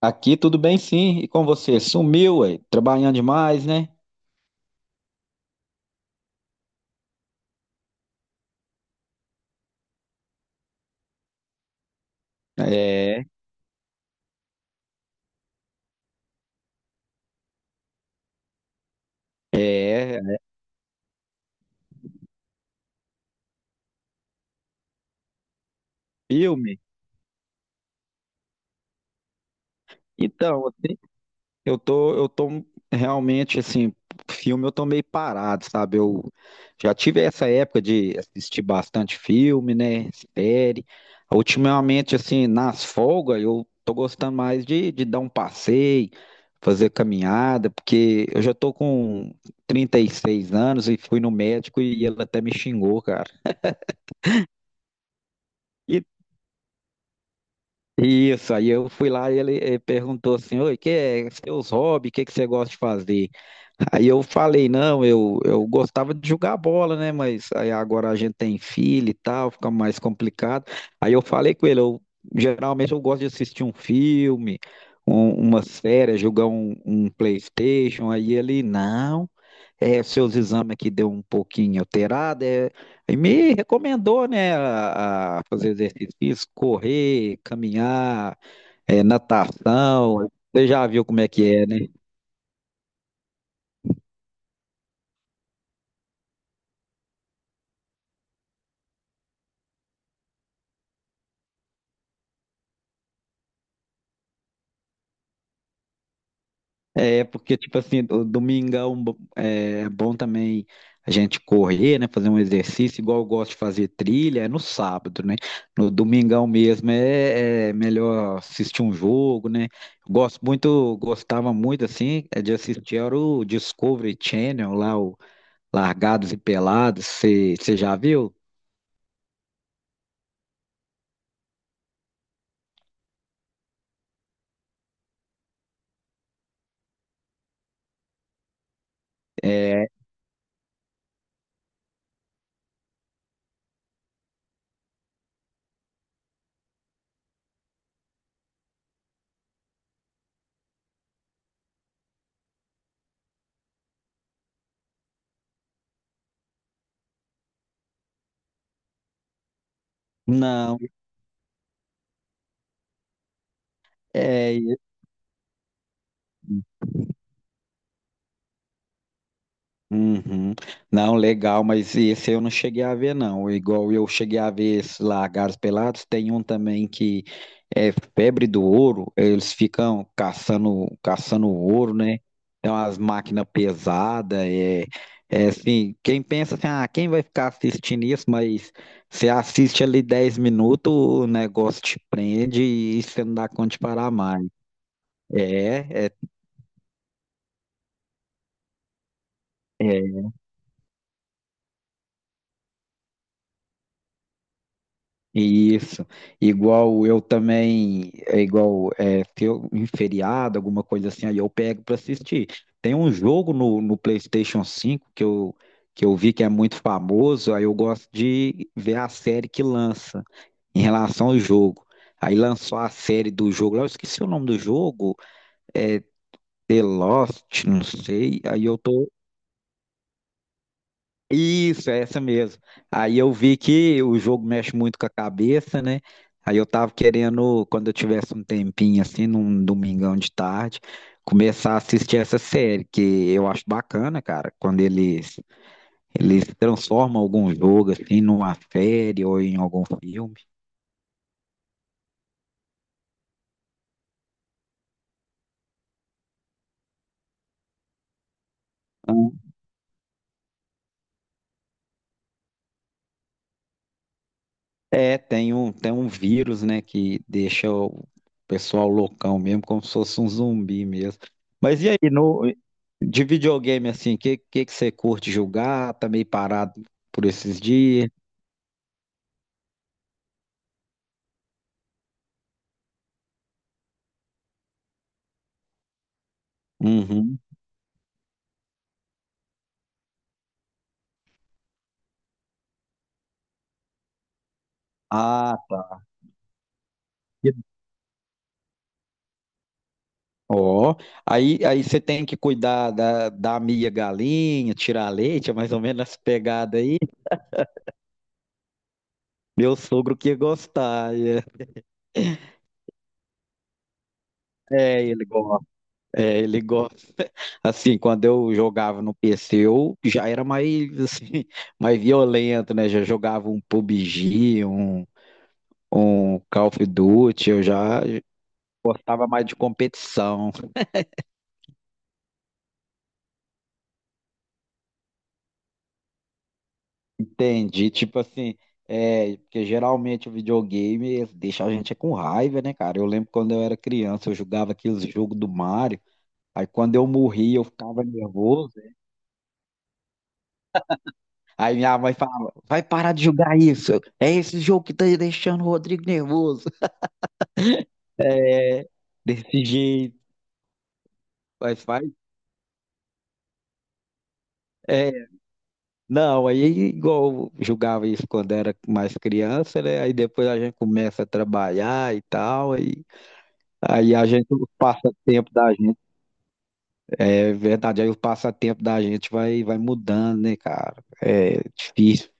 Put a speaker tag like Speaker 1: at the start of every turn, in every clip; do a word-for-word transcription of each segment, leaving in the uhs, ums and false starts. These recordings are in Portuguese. Speaker 1: Aqui tudo bem, sim. E com você? Sumiu, ué. Trabalhando demais, né? É, é, filme. Então, assim, eu tô, eu tô realmente assim, filme eu tô meio parado, sabe? Eu já tive essa época de assistir bastante filme, né? Série. Ultimamente, assim, nas folgas, eu tô gostando mais de, de dar um passeio, fazer caminhada, porque eu já tô com trinta e seis anos e fui no médico e ele até me xingou, cara. Isso, aí eu fui lá e ele eh, perguntou assim, oi, que é seus hobbies, o que que você gosta de fazer? Aí eu falei, não, eu, eu gostava de jogar bola, né? Mas aí agora a gente tem filho e tal, fica mais complicado. Aí eu falei com ele, eu geralmente eu gosto de assistir um filme, um, uma série, jogar um, um PlayStation. Aí ele, não, é, seus exames aqui deu um pouquinho alterado. É, e me recomendou, né, a, a fazer exercício físico, correr, caminhar, é, natação. Você já viu como é que é, né? É, porque, tipo assim, o domingão bo- é é bom também a gente correr, né? Fazer um exercício, igual eu gosto de fazer trilha, é no sábado, né? No domingão mesmo é, é melhor assistir um jogo, né? Gosto muito, gostava muito, assim, é de assistir era o Discovery Channel, lá o Largados e Pelados, você já viu? É, não, é. Uhum. Não, legal, mas esse eu não cheguei a ver, não. Igual eu cheguei a ver esse Lagartos Pelados, tem um também que é febre do ouro, eles ficam caçando, caçando ouro, né? Tem umas máquinas pesadas, é, é assim, quem pensa assim, ah, quem vai ficar assistindo isso? Mas você assiste ali dez minutos, o negócio te prende e você não dá conta de parar mais. É, é, é. Isso, igual eu também, é igual é, ter um feriado, alguma coisa assim, aí eu pego para assistir. Tem um jogo no, no PlayStation cinco que eu, que eu vi que é muito famoso, aí eu gosto de ver a série que lança em relação ao jogo. Aí lançou a série do jogo, lá eu esqueci o nome do jogo, é The Lost, não sei, aí eu tô, Isso, é essa mesmo. Aí eu vi que o jogo mexe muito com a cabeça, né? Aí eu tava querendo, quando eu tivesse um tempinho assim, num domingão de tarde, começar a assistir essa série, que eu acho bacana, cara, quando eles eles transformam algum jogo assim numa série ou em algum filme. É, tem um, tem um vírus, né, que deixa o pessoal loucão mesmo, como se fosse um zumbi mesmo. Mas e aí, no, de videogame assim, o que, que, que você curte jogar? Tá meio parado por esses dias? Uhum. Ah, tá. Ó, aí, aí você tem que cuidar da, da minha galinha, tirar leite, é mais ou menos essa pegada aí. Meu sogro que ia gostar. É. É, ele gosta. É, ele gosta. Assim, quando eu jogava no P C, eu já era mais, assim, mais violento, né? Já jogava um pubéguê, um, um Call of Duty, eu já gostava mais de competição. Entendi. Tipo assim, é, porque geralmente o videogame deixa a gente com raiva, né, cara? Eu lembro quando eu era criança, eu jogava aqueles jogos do Mario, aí quando eu morria, eu ficava nervoso. Aí minha mãe falava, vai parar de jogar isso. É esse jogo que tá deixando o Rodrigo nervoso. É, desse jeito. Mas faz. É, não, aí é igual eu jogava isso quando era mais criança, né? Aí depois a gente começa a trabalhar e tal, aí, aí a gente, o passatempo da gente, é verdade, aí o passatempo da gente vai, vai mudando, né, cara? É difícil.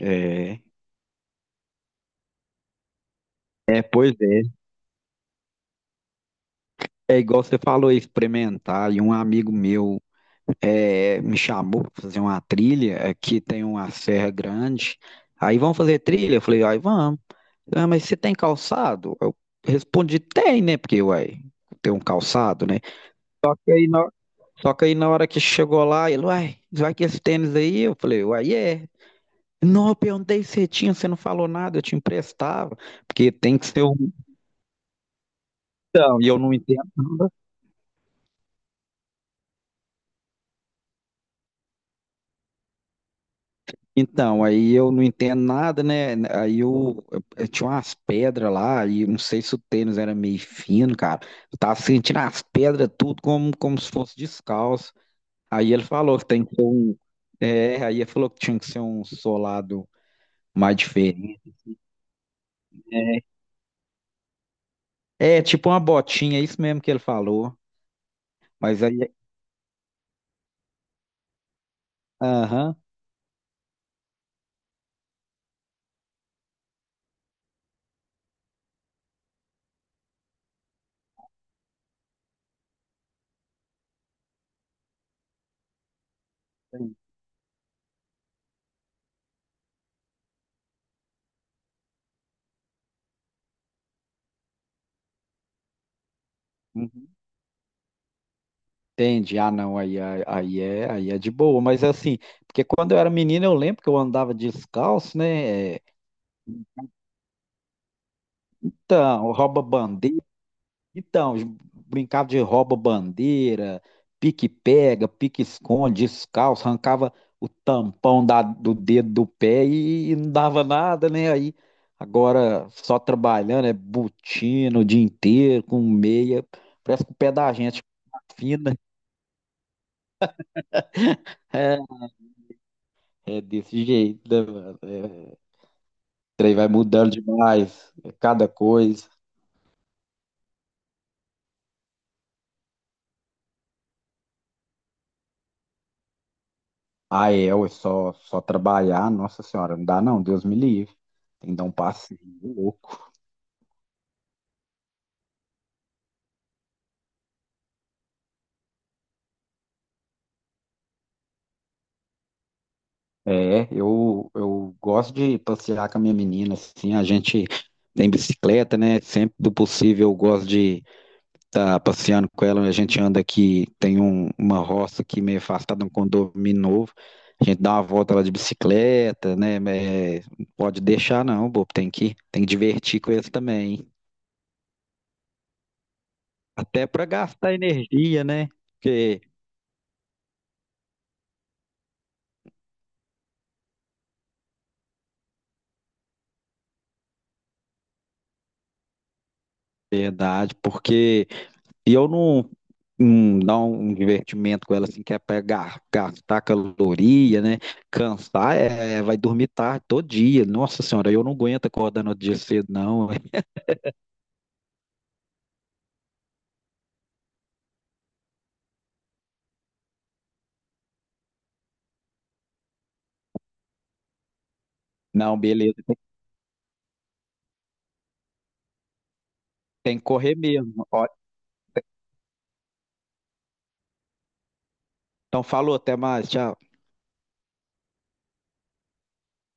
Speaker 1: É, é, pois é. É igual você falou, experimentar. E um amigo meu, é, me chamou para fazer uma trilha. Aqui tem uma serra grande. Aí vamos fazer trilha? Eu falei, ai, vamos. Ah, mas você tem calçado? Eu respondi, tem, né? Porque, uai, tem um calçado, né? E aí, na- só que aí na hora que chegou lá, ele, uai, vai que esse tênis aí? Eu falei, uai, é. Não, eu perguntei se você tinha, você não falou nada, eu te emprestava. Porque tem que ser um. Então, e eu não entendo. Então, aí eu não entendo nada, né? Aí eu, eu tinha umas pedras lá, e eu não sei se o tênis era meio fino, cara. Eu tava sentindo as pedras tudo como, como se fosse descalço. Aí ele falou que tem que ser um. É, aí ele falou que tinha que ser um solado mais diferente. É, tipo uma botinha, é isso mesmo que ele falou. Mas aí. Aham. Uhum. Entendi. Ah, não, aí, aí, aí é, aí é de boa. Mas assim, porque quando eu era menino, eu lembro que eu andava descalço, né? Então, rouba-bandeira. Então, brincava de rouba-bandeira, pique-pega, pique-esconde, descalço, arrancava o tampão da- do dedo do pé e, e não dava nada, né? Aí, agora só trabalhando, é botina o dia inteiro, com meia. Parece que o pé da gente fina. É, é desse jeito, né, mano? É, o trem vai mudando demais, é cada coisa. Ah, é, ué, só, só trabalhar, nossa senhora, não dá não, Deus me livre. Tem que dar um passeio louco. É, eu, eu gosto de passear com a minha menina, assim, a gente tem bicicleta, né? Sempre do possível eu gosto de estar passeando com ela. A gente anda aqui, tem um- uma roça aqui meio afastada, um condomínio novo. A gente dá uma volta lá de bicicleta, né? É, não pode deixar não, bobo, tem que, tem que divertir com eles também, hein? Até para gastar energia, né? Porque verdade, porque e eu não, não dar um divertimento com ela assim, que é pra gar- gastar caloria, né? Cansar, é, vai dormir tarde todo dia. Nossa senhora, eu não aguento acordar no outro dia cedo, não. Não, beleza, tem tem que correr mesmo. Ó, então falou, até mais, tchau.